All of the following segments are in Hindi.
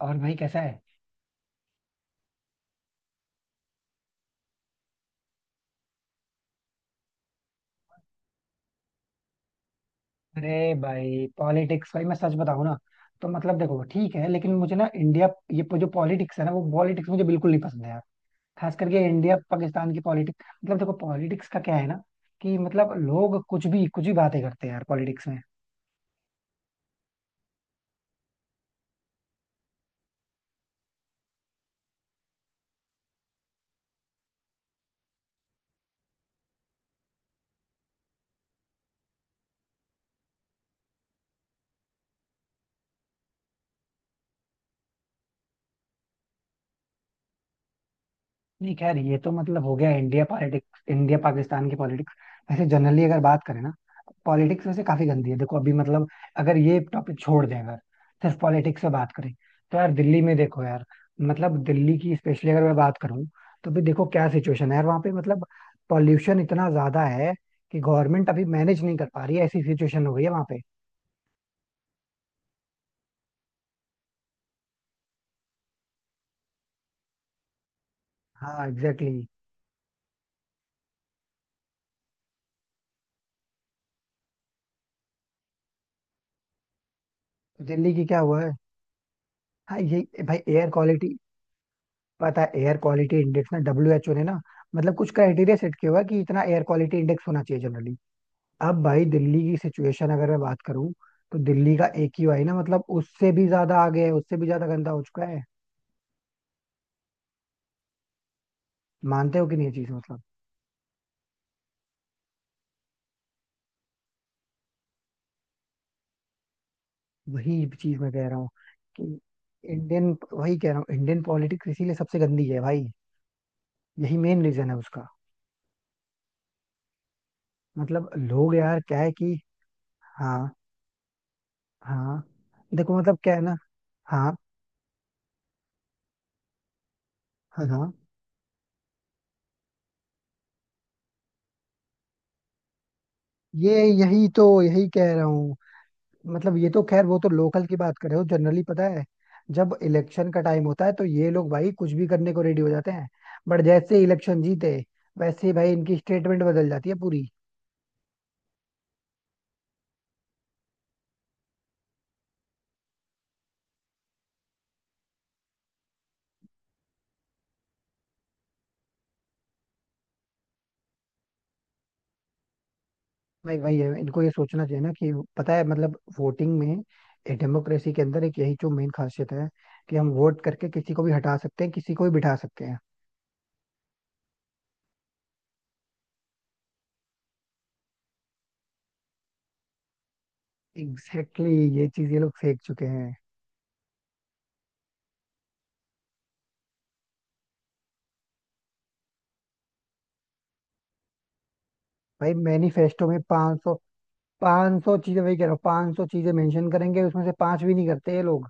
और भाई कैसा है। अरे भाई पॉलिटिक्स, भाई मैं सच बताऊं ना। तो मतलब देखो ठीक है, लेकिन मुझे ना इंडिया जो पॉलिटिक्स है ना वो पॉलिटिक्स मुझे बिल्कुल नहीं पसंद है यार। खास करके इंडिया पाकिस्तान की पॉलिटिक्स, मतलब देखो पॉलिटिक्स का क्या है ना। कि मतलब लोग कुछ भी बातें करते हैं यार पॉलिटिक्स में। नहीं, खैर ये तो मतलब हो गया इंडिया पॉलिटिक्स, इंडिया पाकिस्तान की पॉलिटिक्स। वैसे जनरली अगर बात करें ना, पॉलिटिक्स वैसे काफी गंदी है। देखो अभी मतलब अगर ये टॉपिक छोड़ दें, अगर सिर्फ पॉलिटिक्स से बात करें, तो यार दिल्ली में देखो यार। मतलब दिल्ली की स्पेशली अगर मैं बात करूं, तो भी देखो क्या सिचुएशन है यार वहाँ पे। मतलब पॉल्यूशन इतना ज्यादा है कि गवर्नमेंट अभी मैनेज नहीं कर पा रही है। ऐसी सिचुएशन हो गई है वहाँ पे। हाँ एग्जैक्टली exactly। दिल्ली की क्या हुआ है। हाँ ये भाई एयर क्वालिटी, पता है एयर क्वालिटी इंडेक्स ना डब्ल्यूएचओ ने ना मतलब कुछ क्राइटेरिया सेट किया हुआ है कि इतना एयर क्वालिटी इंडेक्स होना चाहिए जनरली। अब भाई दिल्ली की सिचुएशन अगर मैं बात करूं, तो दिल्ली का एक ही ना मतलब उससे भी ज्यादा आगे है, उससे भी ज्यादा गंदा हो चुका है। मानते हो कि नहीं ये चीज? मतलब वही चीज मैं कह रहा हूँ कि इंडियन, वही कह रहा हूँ, इंडियन पॉलिटिक्स इसीलिए सबसे गंदी है भाई। यही मेन रीजन है उसका। मतलब लोग यार क्या है कि। हाँ हाँ। देखो मतलब क्या है ना। हाँ हाँ हाँ। ये यही तो यही कह रहा हूँ। मतलब ये तो खैर वो तो लोकल की बात कर रहे हो। जनरली पता है, जब इलेक्शन का टाइम होता है तो ये लोग भाई कुछ भी करने को रेडी हो जाते हैं। बट जैसे इलेक्शन जीते, वैसे ही भाई इनकी स्टेटमेंट बदल जाती है पूरी। भाई भाई इनको ये सोचना चाहिए ना कि पता है मतलब वोटिंग में, एक डेमोक्रेसी के अंदर एक यही जो मेन खासियत है कि हम वोट करके किसी को भी हटा सकते हैं, किसी को भी बिठा सकते हैं। एग्जैक्टली exactly, ये चीज ये लोग फेंक चुके हैं। भाई मैनिफेस्टो में 500, 500 चीजें वही कह रहा हूँ, 500 चीजें मेंशन करेंगे, उसमें से पांच भी नहीं करते ये लोग।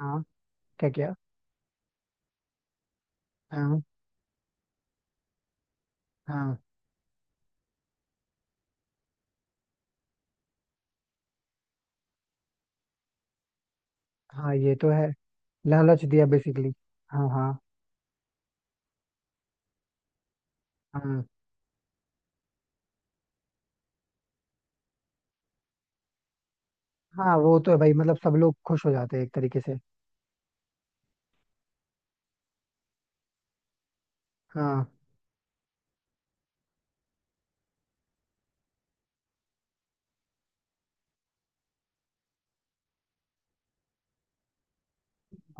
हाँ। क्या क्या? हाँ हाँ हाँ। ये तो है। लालच दिया बेसिकली। हाँ हाँ हाँ हाँ, वो तो है भाई। मतलब सब लोग खुश हो जाते हैं एक तरीके से। हाँ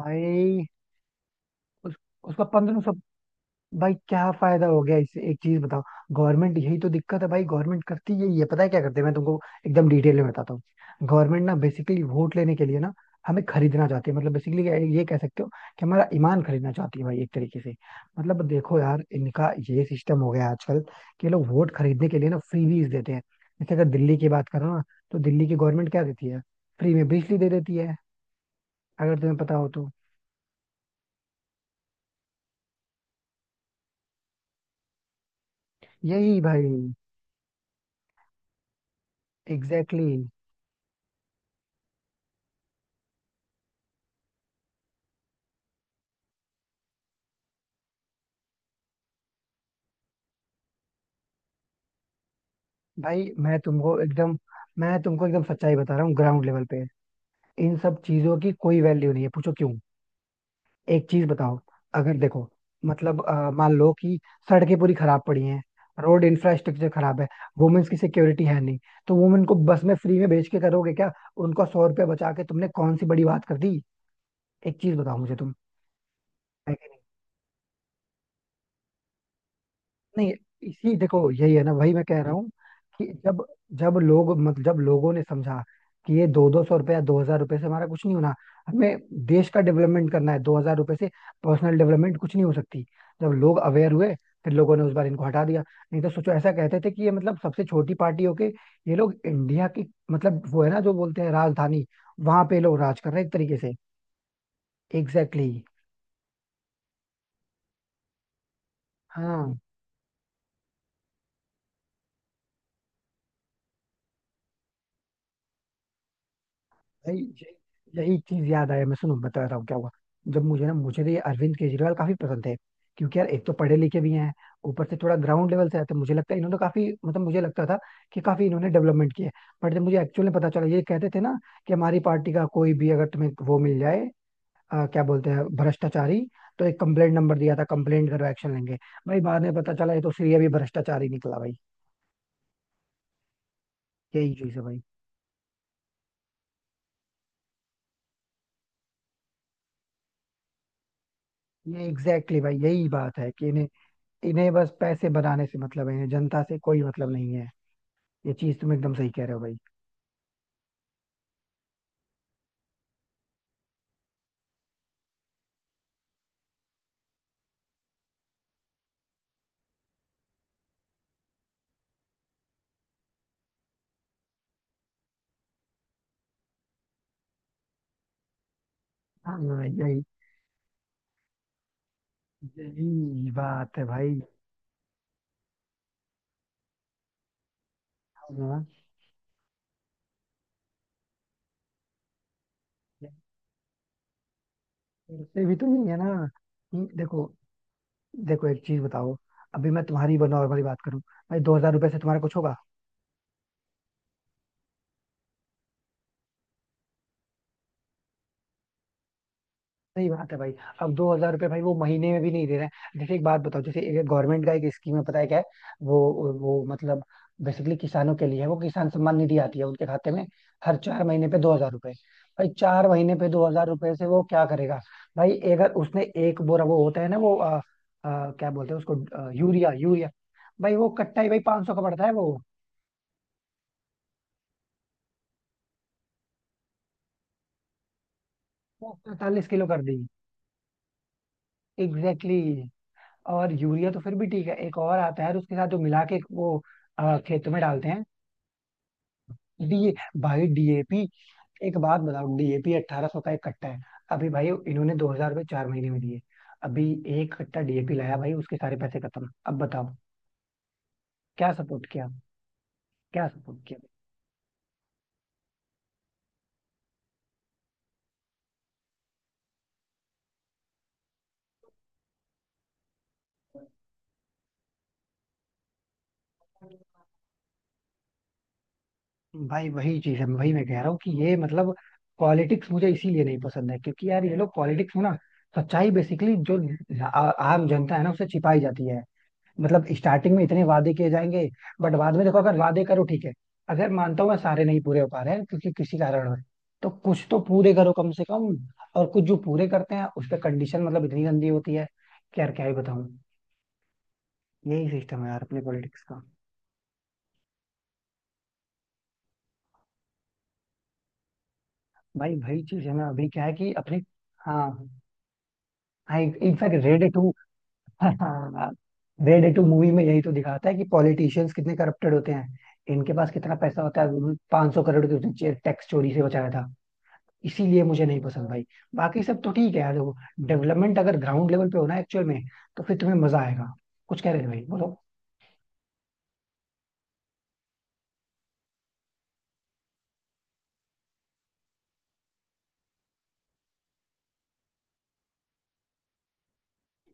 भाई उस, उसका 1500। भाई क्या फायदा हो गया इससे, एक चीज बताओ। गवर्नमेंट, यही तो दिक्कत है भाई। गवर्नमेंट करती यही है। पता है क्या करते हैं? मैं तुमको एकदम डिटेल में बताता हूँ। गवर्नमेंट ना बेसिकली वोट लेने के लिए ना हमें खरीदना चाहती है, मतलब बेसिकली। ये कह सकते हो कि हमारा ईमान खरीदना चाहती है भाई एक तरीके से। मतलब देखो यार इनका ये सिस्टम हो गया है आजकल कि ये लोग वोट खरीदने के लिए ना फ्रीबीज देते हैं। जैसे अगर दिल्ली की बात करो ना, तो दिल्ली की गवर्नमेंट क्या देती है? फ्री में बिजली दे देती है, अगर तुम्हें पता हो तो। यही भाई, एग्जैक्टली। भाई मैं तुमको एकदम सच्चाई बता रहा हूँ ग्राउंड लेवल पे। इन सब चीजों की कोई वैल्यू नहीं है, पूछो क्यों। एक चीज बताओ, अगर देखो मतलब मान लो कि सड़कें पूरी खराब पड़ी हैं, रोड इंफ्रास्ट्रक्चर खराब है, वुमेन्स की सिक्योरिटी है नहीं। तो वुमेन को बस में फ्री में भेज के करोगे क्या? उनको 100 रुपया बचा के तुमने कौन सी बड़ी बात कर दी? एक चीज बताओ मुझे तुम, है कि नहीं? नहीं, इसी देखो यही है ना, वही मैं कह रहा हूँ कि जब, जब लोग मतलब जब लोगों ने समझा कि ये दो दो सौ रुपया, 2,000 रुपये से हमारा कुछ नहीं होना। हमें देश का डेवलपमेंट करना है, 2,000 रुपये से पर्सनल डेवलपमेंट कुछ नहीं हो सकती। जब लोग अवेयर हुए, फिर लोगों ने उस बार इनको हटा दिया। नहीं तो सोचो, ऐसा कहते थे कि ये मतलब सबसे छोटी पार्टी होके ये लोग इंडिया की, मतलब वो है ना जो बोलते हैं राजधानी, वहां पे ये लोग राज कर रहे हैं एक तरीके से। Exactly exactly। हाँ भाई, यही चीज याद आया। मैं सुनो बता रहा हूँ क्या हुआ। जब मुझे तो ये अरविंद केजरीवाल काफी पसंद थे, क्योंकि यार एक तो पढ़े लिखे भी हैं, ऊपर से थोड़ा ग्राउंड लेवल से आते। मुझे लगता है इन्होंने काफी, मतलब मुझे लगता था कि काफी इन्होंने डेवलपमेंट किया है। बट जब मुझे एक्चुअली पता चला, ये कहते थे ना कि हमारी पार्टी का कोई भी अगर तुम्हें वो मिल जाए, क्या बोलते हैं, भ्रष्टाचारी, तो एक कंप्लेंट नंबर दिया था, कंप्लेंट करो, एक्शन लेंगे। भाई बाद में पता चला ये तो श्री अभी भ्रष्टाचारी निकला भाई। यही चीज है भाई। ये एग्जैक्टली exactly भाई, यही बात है कि इन्हें, इन्हें बस पैसे बनाने से मतलब है, इन्हें जनता से कोई मतलब नहीं है। ये चीज तुम एकदम सही कह रहे हो भाई। हाँ। यही यही बात है भाई। हाँ इससे भी तो यही है ना कि देखो, देखो एक चीज बताओ। अभी मैं तुम्हारी नॉर्मली बात करूं भाई, 2,000 रुपए से तुम्हारा कुछ होगा? सही बात है भाई। अब 2,000 रुपये भाई वो महीने में भी नहीं दे रहे हैं। जैसे एक बात बताओ, जैसे एक गवर्नमेंट का एक स्कीम है, पता है क्या है? वो वो मतलब बेसिकली किसानों के लिए है वो। किसान सम्मान निधि आती है उनके खाते में, हर 4 महीने पे 2,000 रुपए। भाई 4 महीने पे दो हजार रुपए से वो क्या करेगा? भाई अगर उसने एक बोरा, वो होता है ना वो क्या बोलते हैं उसको, यूरिया यूरिया। भाई वो कट्टा ही भाई 500 का पड़ता है वो। 45 किलो कर दी। एग्जैक्टली। और यूरिया तो फिर भी ठीक है, एक और आता है और उसके साथ जो मिला के वो खेत में डालते हैं। डी भाई डीएपी, एक बात बताओ। डीएपी 1,800 का एक कट्टा है। अभी भाई इन्होंने 2,000 रुपये 4 महीने में दिए। अभी एक कट्टा डीएपी लाया भाई, उसके सारे पैसे खत्म। अब बताओ, क्या सपोर्ट किया, क्या सपोर्ट किया? भाई वही चीज है, वही मैं कह रहा हूँ कि ये मतलब पॉलिटिक्स मुझे इसीलिए नहीं पसंद है, क्योंकि यार ये लोग पॉलिटिक्स में ना सच्चाई, बेसिकली जो आम जनता है ना, उसे छिपाई जाती है। मतलब स्टार्टिंग में इतने वादे किए जाएंगे, बट बाद में देखो, अगर वादे करो ठीक है, अगर मानता हूँ मैं सारे नहीं पूरे हो पा रहे हैं क्योंकि किसी कारण है, तो कुछ तो पूरे करो कम से कम। और कुछ जो पूरे करते हैं उस पर कंडीशन मतलब इतनी गंदी होती है कि यार क्या ही बताऊं। यही सिस्टम है यार अपने पॉलिटिक्स का। भाई वही चीज है ना, अभी क्या है कि अपने, हाँ हाँ in fact Raid two, Raid two movie में यही तो दिखाता है कि पॉलिटिशियंस कितने करप्टेड होते हैं, इनके पास कितना पैसा होता है। 500 करोड़ की उसने टैक्स चोरी से बचाया था। इसीलिए मुझे नहीं पसंद भाई। बाकी सब तो ठीक है यार देखो, डेवलपमेंट अगर ग्राउंड लेवल पे हो ना एक्चुअल में, तो फिर तुम्हें मजा आएगा। कुछ कह रहे थे भाई, बोलो।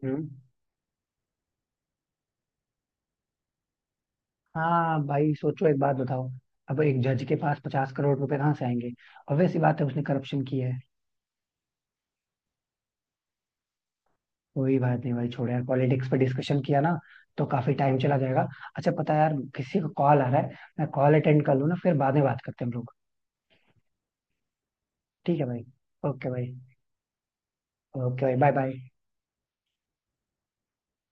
हम्म। हाँ भाई सोचो, एक बात बताओ, अब एक जज के पास 50 करोड़ रुपए कहाँ से आएंगे? obvious सी बात है, उसने करप्शन किया है। कोई बात नहीं भाई, छोड़ो यार। पॉलिटिक्स पे डिस्कशन किया ना, तो काफी टाइम चला जाएगा। अच्छा पता है यार, किसी को कॉल आ रहा है। मैं कॉल अटेंड कर लूँ ना, फिर बाद में बात करते हैं हम लोग। ठीक है भाई, ओके भाई। ओके भाई, बाय बाय।